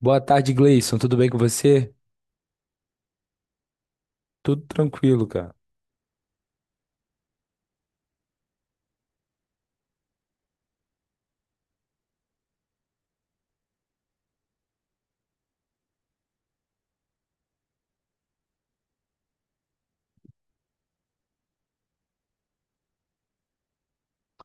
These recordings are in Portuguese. Boa tarde, Gleison. Tudo bem com você? Tudo tranquilo, cara.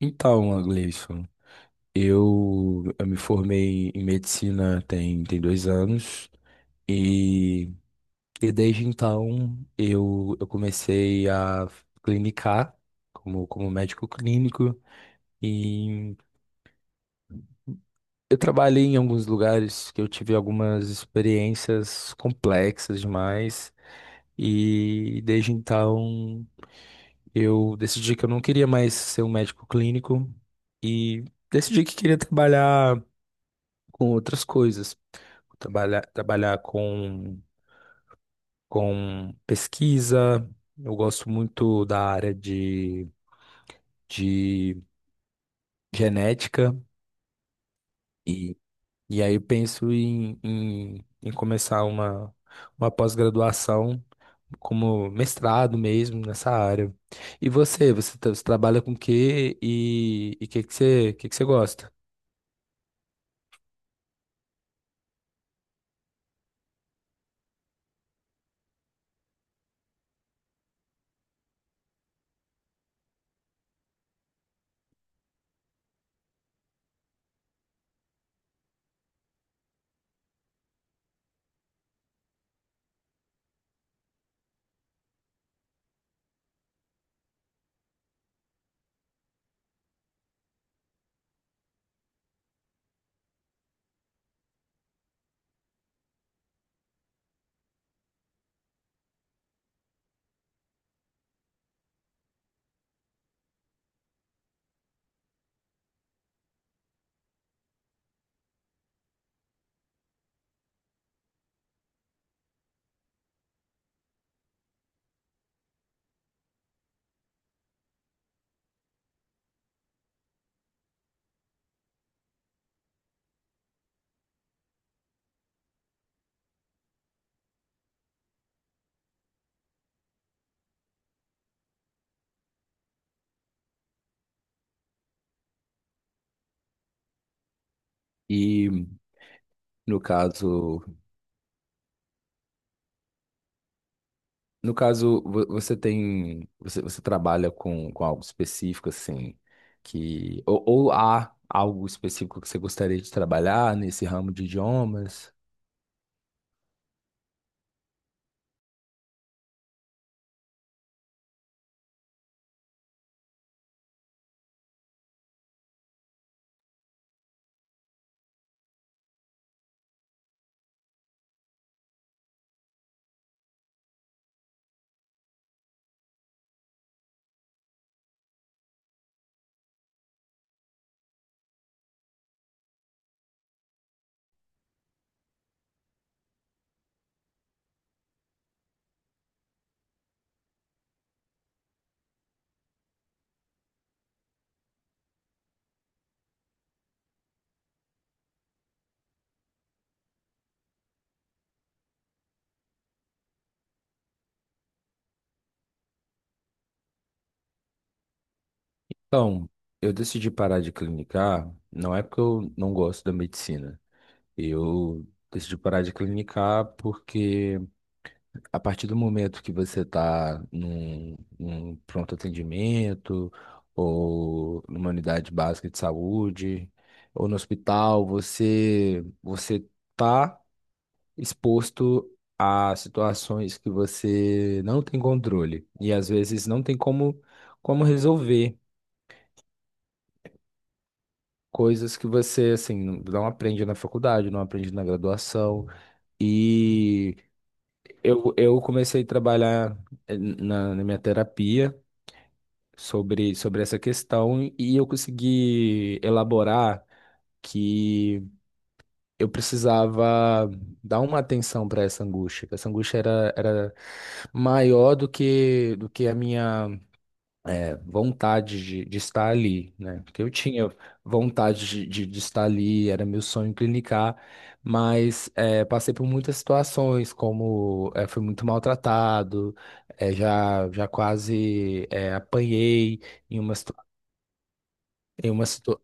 Então, Gleison, eu me formei em medicina tem 2 anos e, e desde então eu comecei a clinicar como médico clínico e eu trabalhei em alguns lugares que eu tive algumas experiências complexas demais. E desde então, eu decidi que eu não queria mais ser um médico clínico e decidi que queria trabalhar com outras coisas. Trabalhar com pesquisa. Eu gosto muito da área de genética e, e aí eu penso em começar uma pós-graduação como mestrado mesmo nessa área. E você trabalha com o quê? E o que que você gosta? E no caso, no caso você trabalha com algo específico assim, que ou há algo específico que você gostaria de trabalhar nesse ramo de idiomas? Então, eu decidi parar de clinicar, não é porque eu não gosto da medicina. Eu decidi parar de clinicar porque, a partir do momento que você está num pronto atendimento, ou numa unidade básica de saúde, ou no hospital, você está exposto a situações que você não tem controle e às vezes não tem como resolver coisas que você assim não aprende na faculdade, não aprende na graduação. E eu comecei a trabalhar, na minha terapia, sobre essa questão, e eu consegui elaborar que eu precisava dar uma atenção para essa angústia. Que Essa angústia era, era maior do que a minha vontade de estar ali, né? Porque eu tinha vontade de estar ali, era meu sonho clinicar, mas, é, passei por muitas situações, como, fui muito maltratado, é, já quase, apanhei em uma Em uma situa...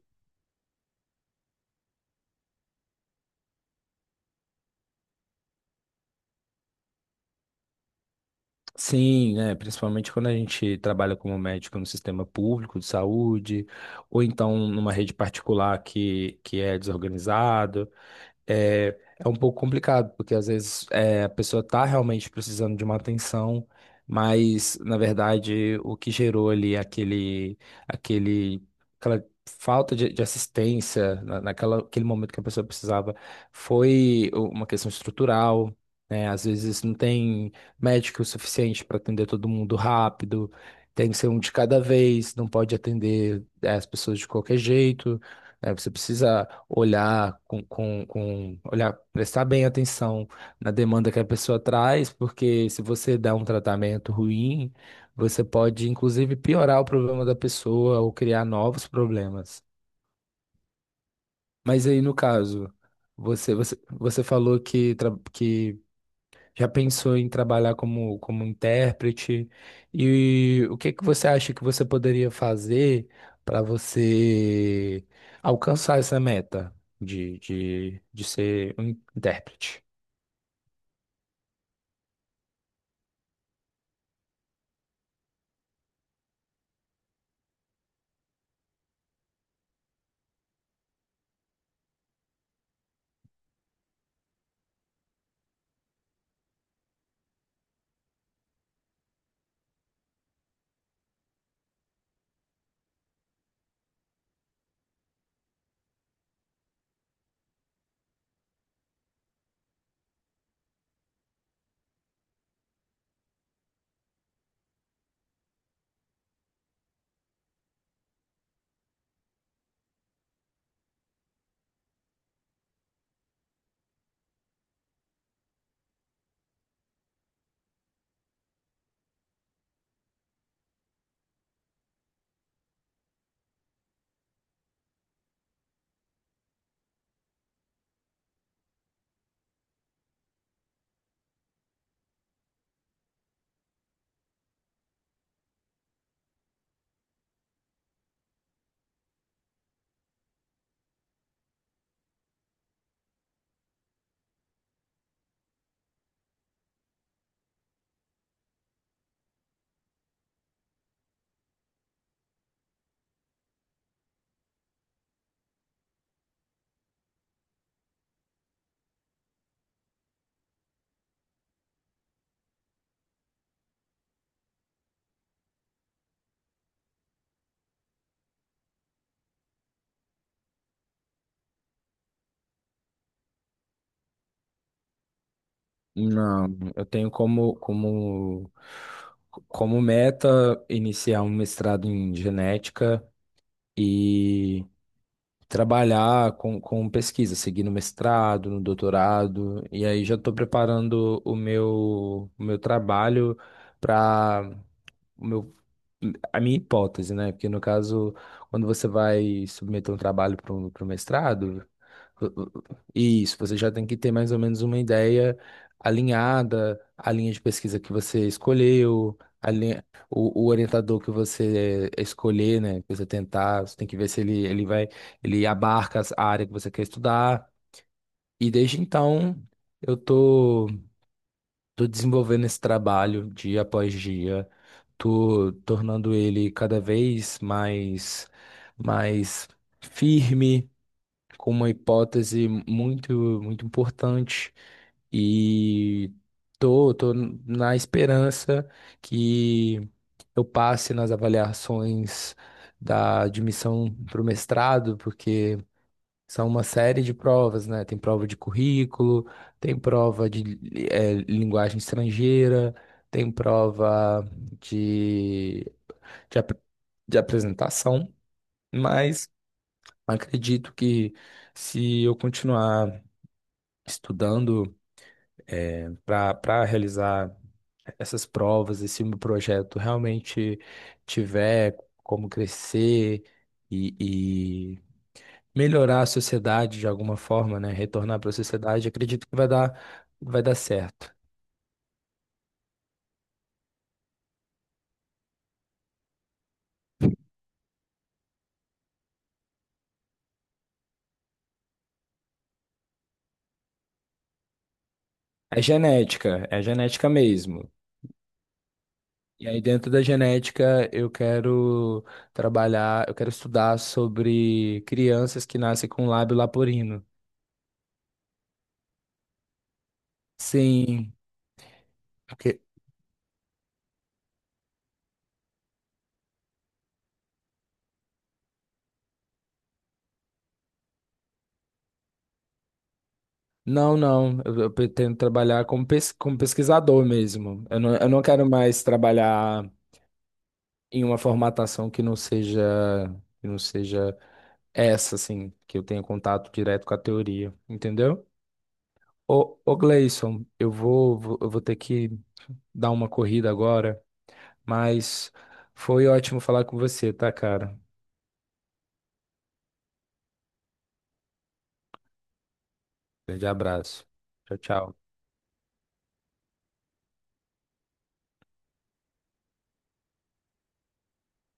Sim, né? Principalmente quando a gente trabalha como médico no sistema público de saúde, ou então numa rede particular que é desorganizado. É um pouco complicado, porque às vezes, a pessoa está realmente precisando de uma atenção, mas na verdade o que gerou ali aquele, aquela falta de assistência aquele momento que a pessoa precisava foi uma questão estrutural. Né? Às vezes não tem médico o suficiente para atender todo mundo rápido, tem que ser um de cada vez, não pode atender, as pessoas de qualquer jeito, né? Você precisa olhar com olhar, prestar bem atenção na demanda que a pessoa traz, porque se você dá um tratamento ruim, você pode inclusive piorar o problema da pessoa ou criar novos problemas. Mas aí, no caso, você falou que já pensou em trabalhar como intérprete? E o que que você acha que você poderia fazer para você alcançar essa meta de ser um intérprete? Não, eu tenho como meta iniciar um mestrado em genética e trabalhar com pesquisa, seguir no mestrado, no doutorado, e aí já estou preparando o meu trabalho para a minha hipótese, né? Porque no caso, quando você vai submeter um trabalho para o mestrado, vo- vo- isso, você já tem que ter mais ou menos uma ideia alinhada, a linha de pesquisa que você escolheu, a linha, o orientador que você escolher, né? Que você tentar, você tem que ver se ele, ele vai, ele abarca a área que você quer estudar. E desde então, eu tô. Tô desenvolvendo esse trabalho dia após dia, tô tornando ele cada vez mais firme, com uma hipótese muito, muito importante, e tô na esperança que eu passe nas avaliações da admissão para o mestrado, porque são uma série de provas, né? Tem prova de currículo, tem prova de, linguagem estrangeira, tem prova de, de, ap- de apresentação, mas acredito que, se eu continuar estudando para realizar essas provas, e se o meu projeto realmente tiver como crescer e melhorar a sociedade de alguma forma, né? Retornar para a sociedade, acredito que vai dar certo. É genética mesmo. E aí, dentro da genética, eu quero trabalhar, eu quero estudar sobre crianças que nascem com lábio leporino. Sim, porque. Não, não, eu pretendo trabalhar como pesquisador mesmo. Eu não quero mais trabalhar em uma formatação que não seja, essa, assim, que eu tenho contato direto com a teoria, entendeu? Ô Gleison, eu vou ter que dar uma corrida agora, mas foi ótimo falar com você, tá, cara? Grande abraço. Tchau, tchau.